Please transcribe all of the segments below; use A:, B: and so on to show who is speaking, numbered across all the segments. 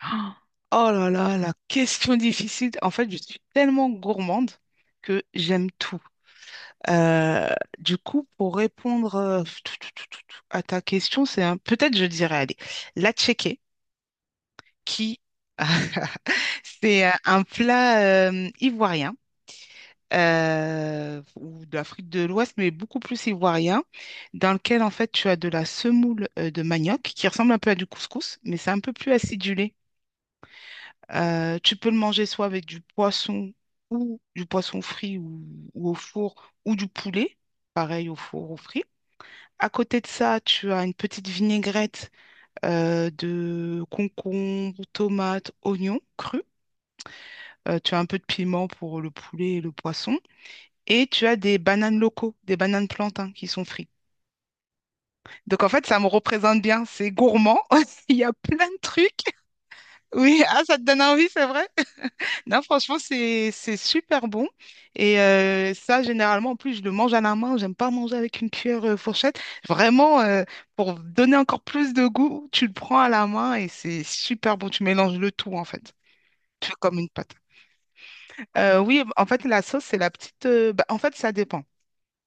A: Ah, oh là là, la question difficile. En fait, je suis tellement gourmande que j'aime tout. Euh, du coup, pour répondre tout à ta question, c'est un... peut-être je dirais, allez, la tchéké, qui c'est un plat ivoirien ou d'Afrique de l'Ouest, mais beaucoup plus ivoirien, dans lequel en fait tu as de la semoule de manioc qui ressemble un peu à du couscous, mais c'est un peu plus acidulé. Tu peux le manger soit avec du poisson ou du poisson frit ou au four ou du poulet, pareil au four ou frit. À côté de ça, tu as une petite vinaigrette de concombre, tomates, oignons crus. Tu as un peu de piment pour le poulet et le poisson. Et tu as des bananes locaux, des bananes plantains qui sont frites. Donc en fait, ça me représente bien. C'est gourmand. Il y a plein de trucs. Oui, ah, ça te donne envie, c'est vrai? Non, franchement, c'est super bon. Et ça, généralement, en plus, je le mange à la main. J'aime pas manger avec une cuillère fourchette. Vraiment, pour donner encore plus de goût, tu le prends à la main et c'est super bon. Tu mélanges le tout, en fait. Tu fais comme une pâte. Oui, en fait, la sauce, c'est la petite... bah, en fait, ça dépend.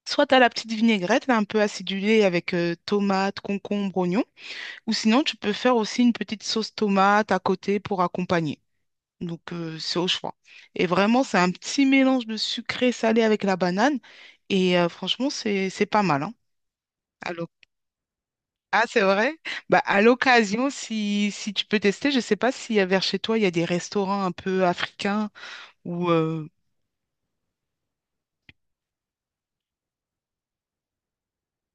A: Soit tu as la petite vinaigrette, là, un peu acidulée avec tomate, concombre, oignon. Ou sinon, tu peux faire aussi une petite sauce tomate à côté pour accompagner. Donc, c'est au choix. Et vraiment, c'est un petit mélange de sucré salé avec la banane. Et franchement, c'est pas mal, hein. À l'oc- Ah, c'est vrai? Bah, à l'occasion, si tu peux tester, je ne sais pas si vers chez toi, il y a des restaurants un peu africains ou.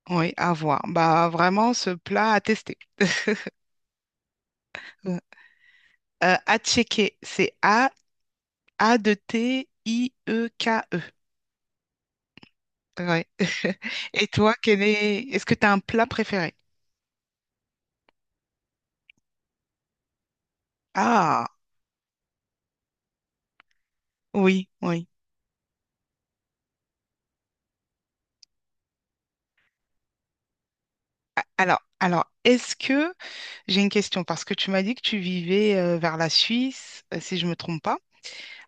A: Oui, à voir. Bah, vraiment, ce plat à tester. À checker. C'est ATIEKE. Ouais. Et toi, quel est... est-ce que tu as un plat préféré? Ah, oui, oui. Alors, est-ce que j'ai une question parce que tu m'as dit que tu vivais vers la Suisse, si je me trompe pas.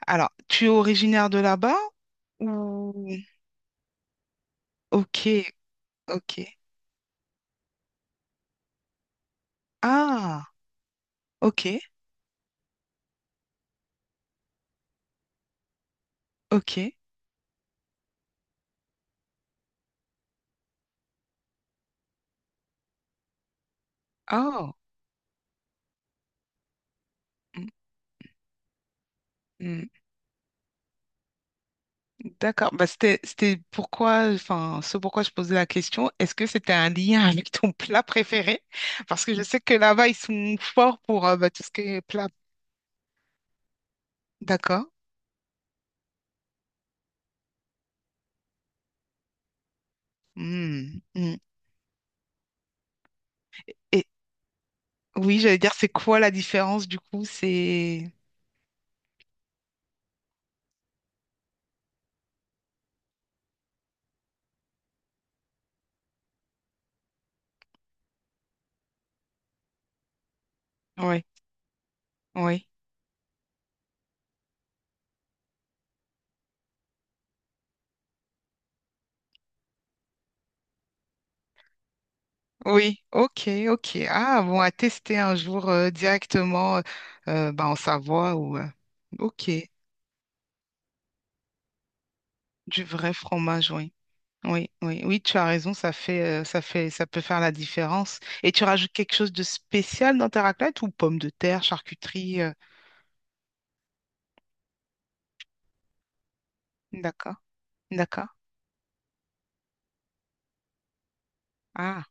A: Alors, tu es originaire de là-bas ou. Ok, ok. Ah, ok, ok. Oh, mm, mm, d'accord. Bah, c'était pourquoi, enfin, ce pourquoi je posais la question. Est-ce que c'était un lien avec ton plat préféré? Parce que je sais que là-bas ils sont forts pour bah, tout ce qui est plat. D'accord. Mm, mm. Oui, j'allais dire, c'est quoi la différence du coup? C'est... Oui, oui, oui, ok, ok. Ah, bon, à tester un jour directement bah, en Savoie ou... ok, du vrai fromage, oui. Oui, oui, oui, tu as raison, ça fait, ça fait, ça peut faire la différence. Et tu rajoutes quelque chose de spécial dans ta raclette ou pommes de terre, charcuterie d'accord, d'accord. Ah,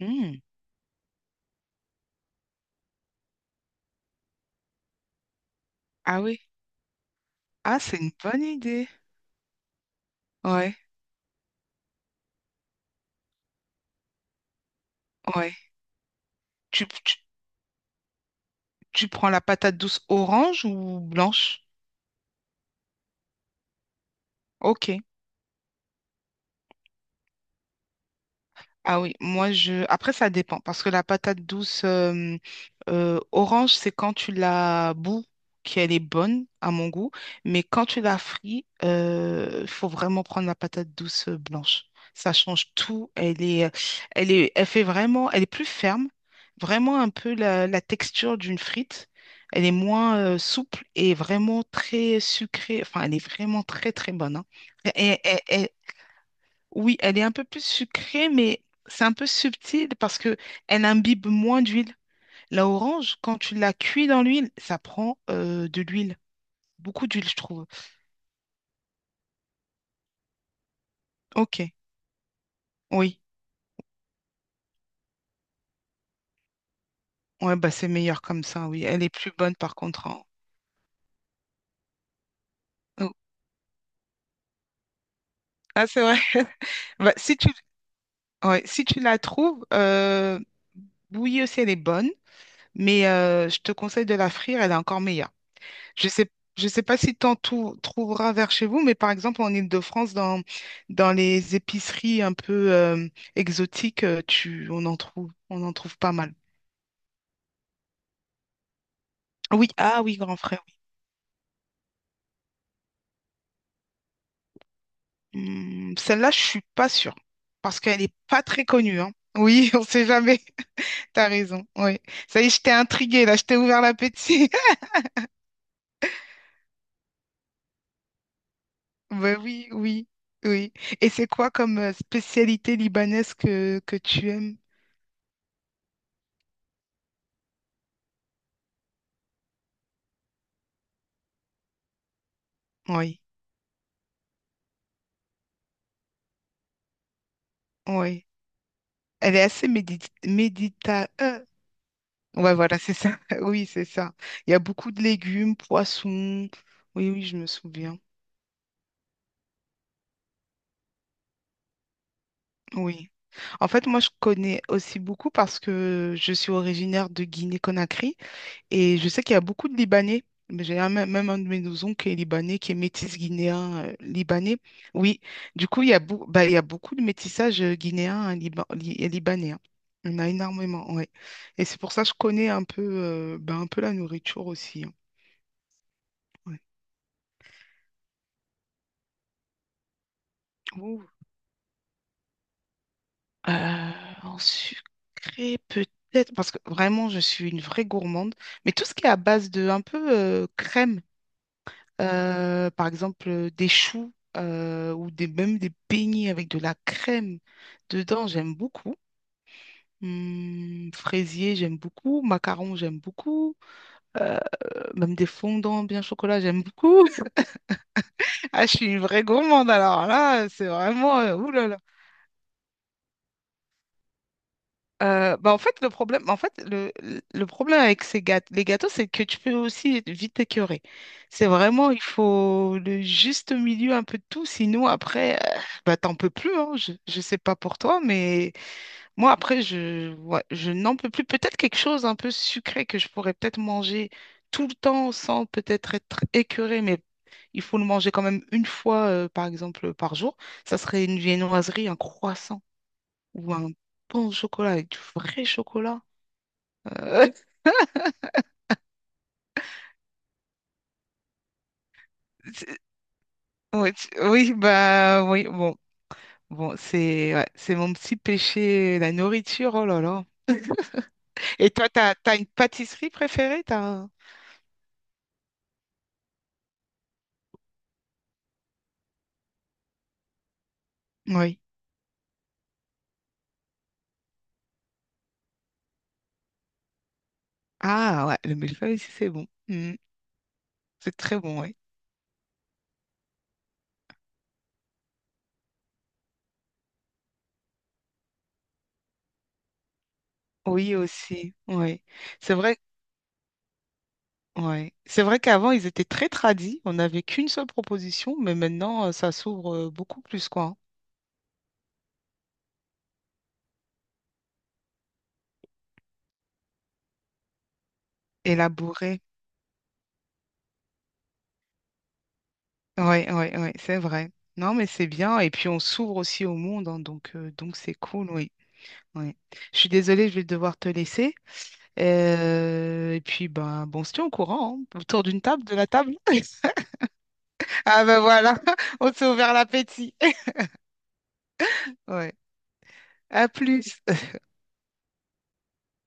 A: hmm, ah oui, ah, c'est une bonne idée. Ouais, ouais. Tu, tu- Tu prends la patate douce orange ou blanche? Ok. Ah oui, moi je. Après, ça dépend parce que la patate douce orange, c'est quand tu la bous qu'elle est bonne à mon goût, mais quand tu la frites, il faut vraiment prendre la patate douce blanche. Ça change tout. Elle fait vraiment, elle est plus ferme, vraiment un peu la texture d'une frite. Elle est moins souple et vraiment très sucrée. Enfin, elle est vraiment très très bonne, hein. Et, oui, elle est un peu plus sucrée, mais c'est un peu subtil parce que elle imbibe moins d'huile. La orange, quand tu la cuis dans l'huile, ça prend de l'huile, beaucoup d'huile, je trouve. Ok, oui, ouais, bah c'est meilleur comme ça, oui. Elle est plus bonne par contre. Oh. Ah, c'est vrai. Bah, si tu, ouais, si tu la trouves, bouillie aussi, elle est bonne, mais je te conseille de la frire, elle est encore meilleure. Je sais, je sais pas si tu en trouveras vers chez vous, mais par exemple en Île-de-France, dans les épiceries un peu exotiques, on en trouve pas mal. Oui, ah oui, grand frère, oui. Hmm, celle-là, je suis pas sûre, parce qu'elle est pas très connue, hein. Oui, on sait jamais. T'as raison. Oui. Ça y est, je t'ai intriguée, là, je t'ai ouvert l'appétit. Ben oui, oui, oui. Et c'est quoi comme spécialité libanaise que tu aimes? Oui, oui. Elle est assez médita... médita... ouais, voilà, c'est ça. Oui, c'est ça. Il y a beaucoup de légumes, poissons. Oui, oui, je me souviens. Oui. En fait, moi, je connais aussi beaucoup parce que je suis originaire de Guinée-Conakry. Et je sais qu'il y a beaucoup de Libanais, mais j'ai même un de mes oncles qui est libanais, qui est métis guinéen libanais. Oui, du coup, il y a, bah, il y a beaucoup de métissage guinéen hein, et libanais, hein. Il y en a énormément, ouais. Et c'est pour ça que je connais un peu, bah, un peu la nourriture aussi, hein. Ouais. Ouh. Euh, En sucré, peut-être, parce que vraiment, je suis une vraie gourmande. Mais tout ce qui est à base de un peu crème, par exemple, des choux ou des, même des beignets avec de la crème dedans, j'aime beaucoup. Fraisier, j'aime beaucoup. Macarons, j'aime beaucoup. Euh, même des fondants bien chocolat, j'aime beaucoup. Ah, je suis une vraie gourmande alors là, c'est vraiment... oulala. Bah en fait, le problème, en fait, le problème avec ces gâteaux, les gâteaux, c'est que tu peux aussi être vite t'écœurer. C'est vraiment, il faut le juste milieu un peu de tout, sinon après, bah, t'en peux plus, hein. Je sais pas pour toi, mais moi, après, ouais, je n'en peux plus. Peut-être quelque chose un peu sucré que je pourrais peut-être manger tout le temps sans peut-être être écœurée, mais il faut le manger quand même une fois, par exemple, par jour. Ça serait une viennoiserie, un croissant ou un bon chocolat avec du vrai chocolat. Euh, c'est- ouais, oui, bah oui, bon. Bon, c'est ouais, c'est mon petit péché, la nourriture, oh là là. Et toi, t'as une pâtisserie préférée, t'as... un- Oui. Ah ouais, le millefeuille aussi, c'est bon. Mm. C'est très bon, oui. Oui aussi, oui. C'est vrai, ouais. C'est vrai qu'avant, ils étaient très tradis. On n'avait qu'une seule proposition, mais maintenant, ça s'ouvre beaucoup plus, quoi. Élaboré. Ouais, ouais, ouais, c'est vrai. Non, mais c'est bien. Et puis on s'ouvre aussi au monde, hein, donc c'est cool, oui. Ouais. Je suis désolée, je vais devoir te laisser. Et puis ben bon, on se tient au courant, hein, autour d'une table, de la table. Ah ben voilà, on s'est ouvert l'appétit. Ouais. À plus.